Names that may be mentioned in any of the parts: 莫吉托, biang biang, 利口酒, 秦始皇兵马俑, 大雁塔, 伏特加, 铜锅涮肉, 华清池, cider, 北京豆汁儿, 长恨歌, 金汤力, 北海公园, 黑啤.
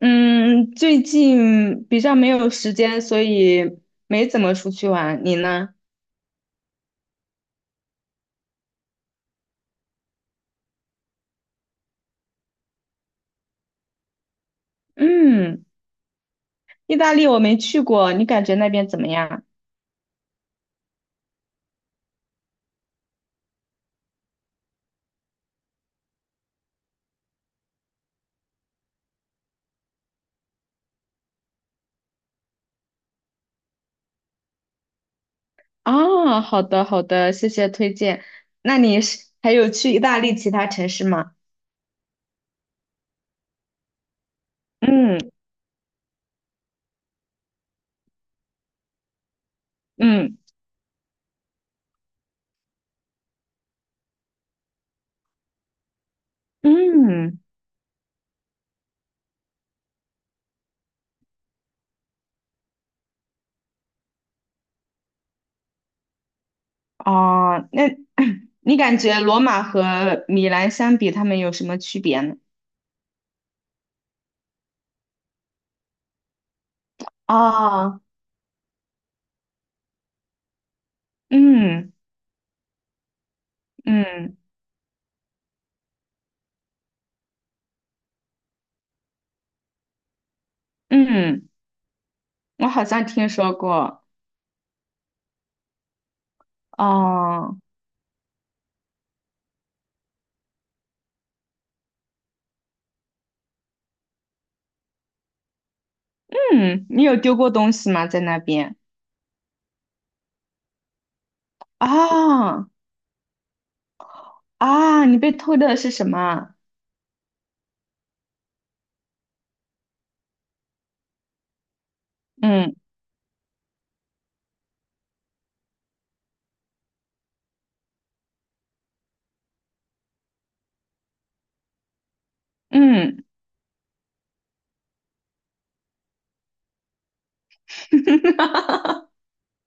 嗯，最近比较没有时间，所以没怎么出去玩。你呢？嗯，意大利我没去过，你感觉那边怎么样？啊？好的好的，谢谢推荐。那你是还有去意大利其他城市吗？嗯嗯嗯，哦，那 你感觉罗马和米兰相比，他们有什么区别呢？哦，嗯嗯嗯，我好像听说过。哦。嗯，你有丢过东西吗？在那边？啊啊，你被偷的是什么？嗯嗯，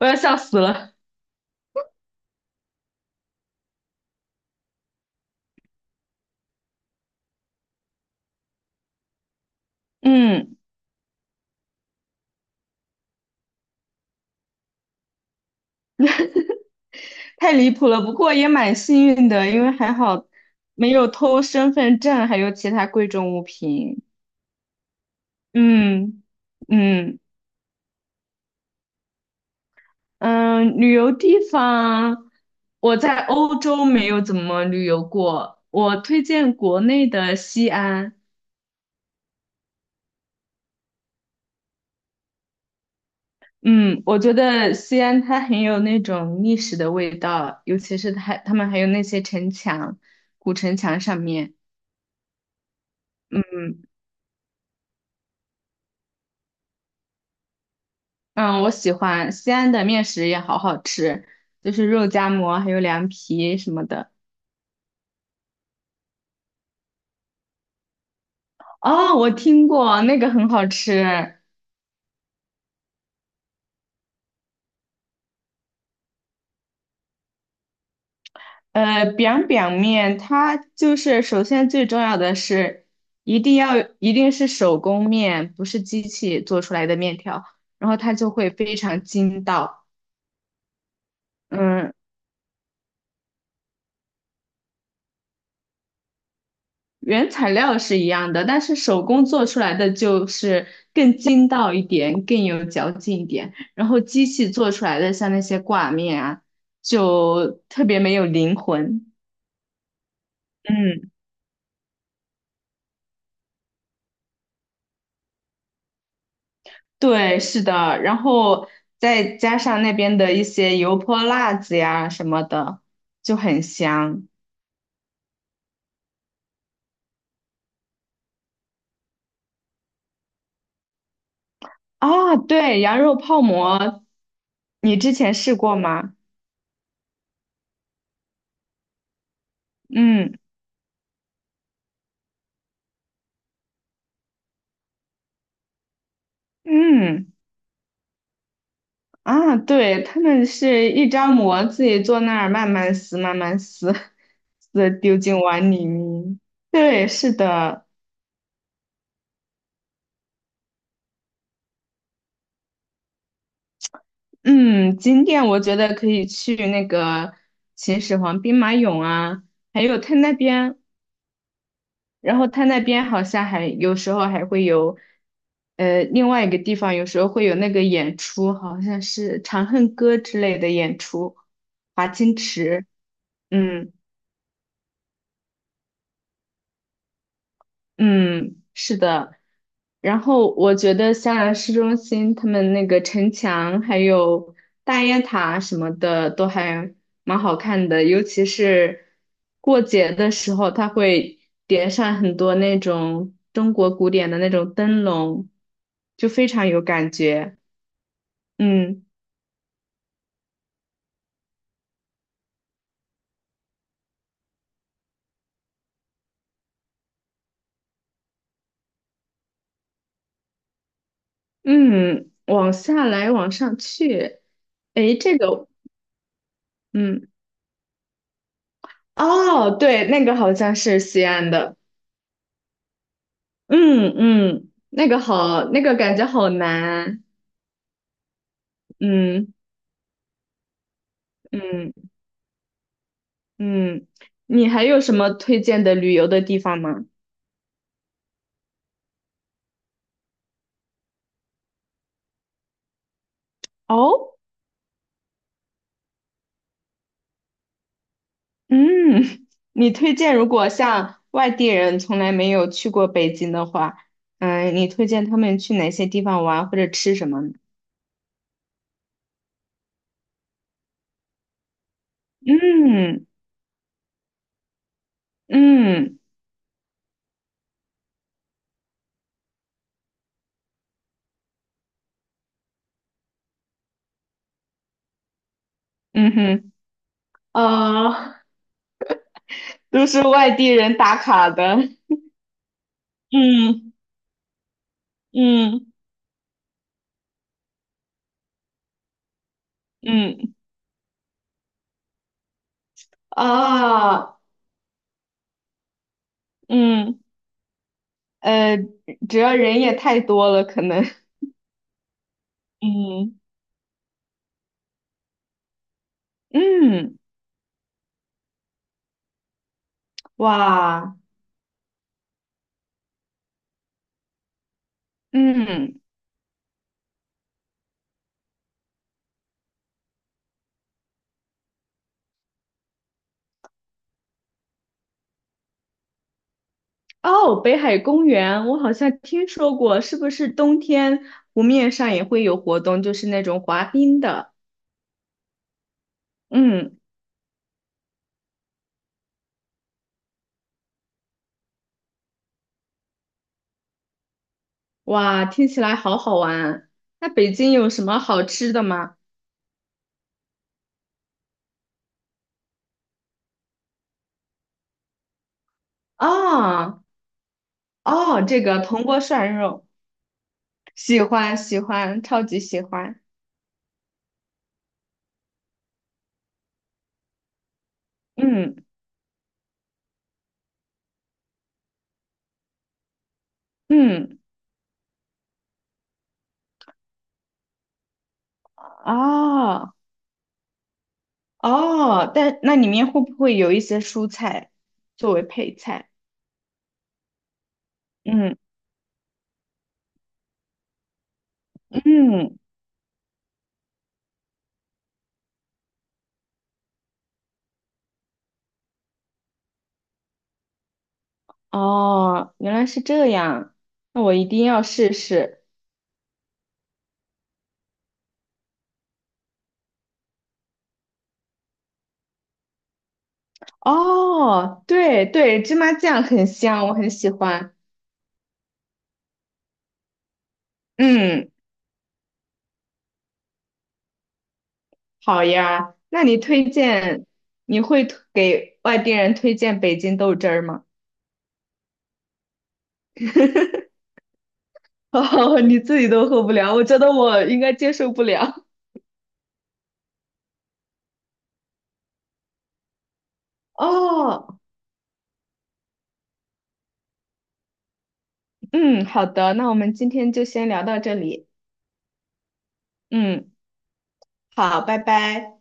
我要笑死了。嗯，太离谱了。不过也蛮幸运的，因为还好没有偷身份证，还有其他贵重物品。嗯嗯嗯，旅游地方，我在欧洲没有怎么旅游过，我推荐国内的西安。嗯，我觉得西安它很有那种历史的味道，尤其是它他们还有那些城墙，古城墙上面，嗯嗯，我喜欢西安的面食也好好吃，就是肉夹馍还有凉皮什么的。哦，我听过那个很好吃，biang biang 面，它就是首先最重要的是一定是手工面，不是机器做出来的面条，然后它就会非常筋道。嗯，原材料是一样的，但是手工做出来的就是更筋道一点，更有嚼劲一点。然后机器做出来的像那些挂面啊，就特别没有灵魂。嗯，对，是的。然后再加上那边的一些油泼辣子呀什么的，就很香啊。对，羊肉泡馍，你之前试过吗？嗯嗯。啊，对，他们是一张膜，自己坐那儿慢慢撕，慢慢撕，撕丢进碗里面。对，是的，嗯，景点我觉得可以去那个秦始皇兵马俑啊，还有他那边，然后他那边好像还有时候还会有，另外一个地方有时候会有那个演出，好像是《长恨歌》之类的演出，华清池，嗯嗯，是的。然后我觉得香兰市中心他们那个城墙还有大雁塔什么的都还蛮好看的，尤其是过节的时候，它会点上很多那种中国古典的那种灯笼，就非常有感觉。嗯嗯，往下来，往上去，诶，这个，嗯，哦，对，那个好像是西安的，嗯嗯，那个好，那个感觉好难。嗯嗯嗯，你还有什么推荐的旅游的地方吗？哦，嗯，你推荐如果像外地人从来没有去过北京的话，嗯，你推荐他们去哪些地方玩或者吃什么呢？嗯嗯嗯哼，呃，都是外地人打卡的。嗯嗯嗯啊嗯呃，主要人也太多了，可能。嗯嗯。哇，嗯，哦，北海公园，我好像听说过，是不是冬天湖面上也会有活动，就是那种滑冰的？嗯，哇，听起来好好玩。那北京有什么好吃的吗？哦，哦，这个铜锅涮肉，喜欢喜欢，超级喜欢。嗯嗯，哦哦，但那里面会不会有一些蔬菜作为配菜？嗯嗯。哦，原来是这样，那我一定要试试。哦，对对，芝麻酱很香，我很喜欢。嗯，好呀，那你推荐，你会推给外地人推荐北京豆汁儿吗？哦，你自己都喝不了，我觉得我应该接受不了。哦，嗯，好的，那我们今天就先聊到这里。嗯，好，拜拜。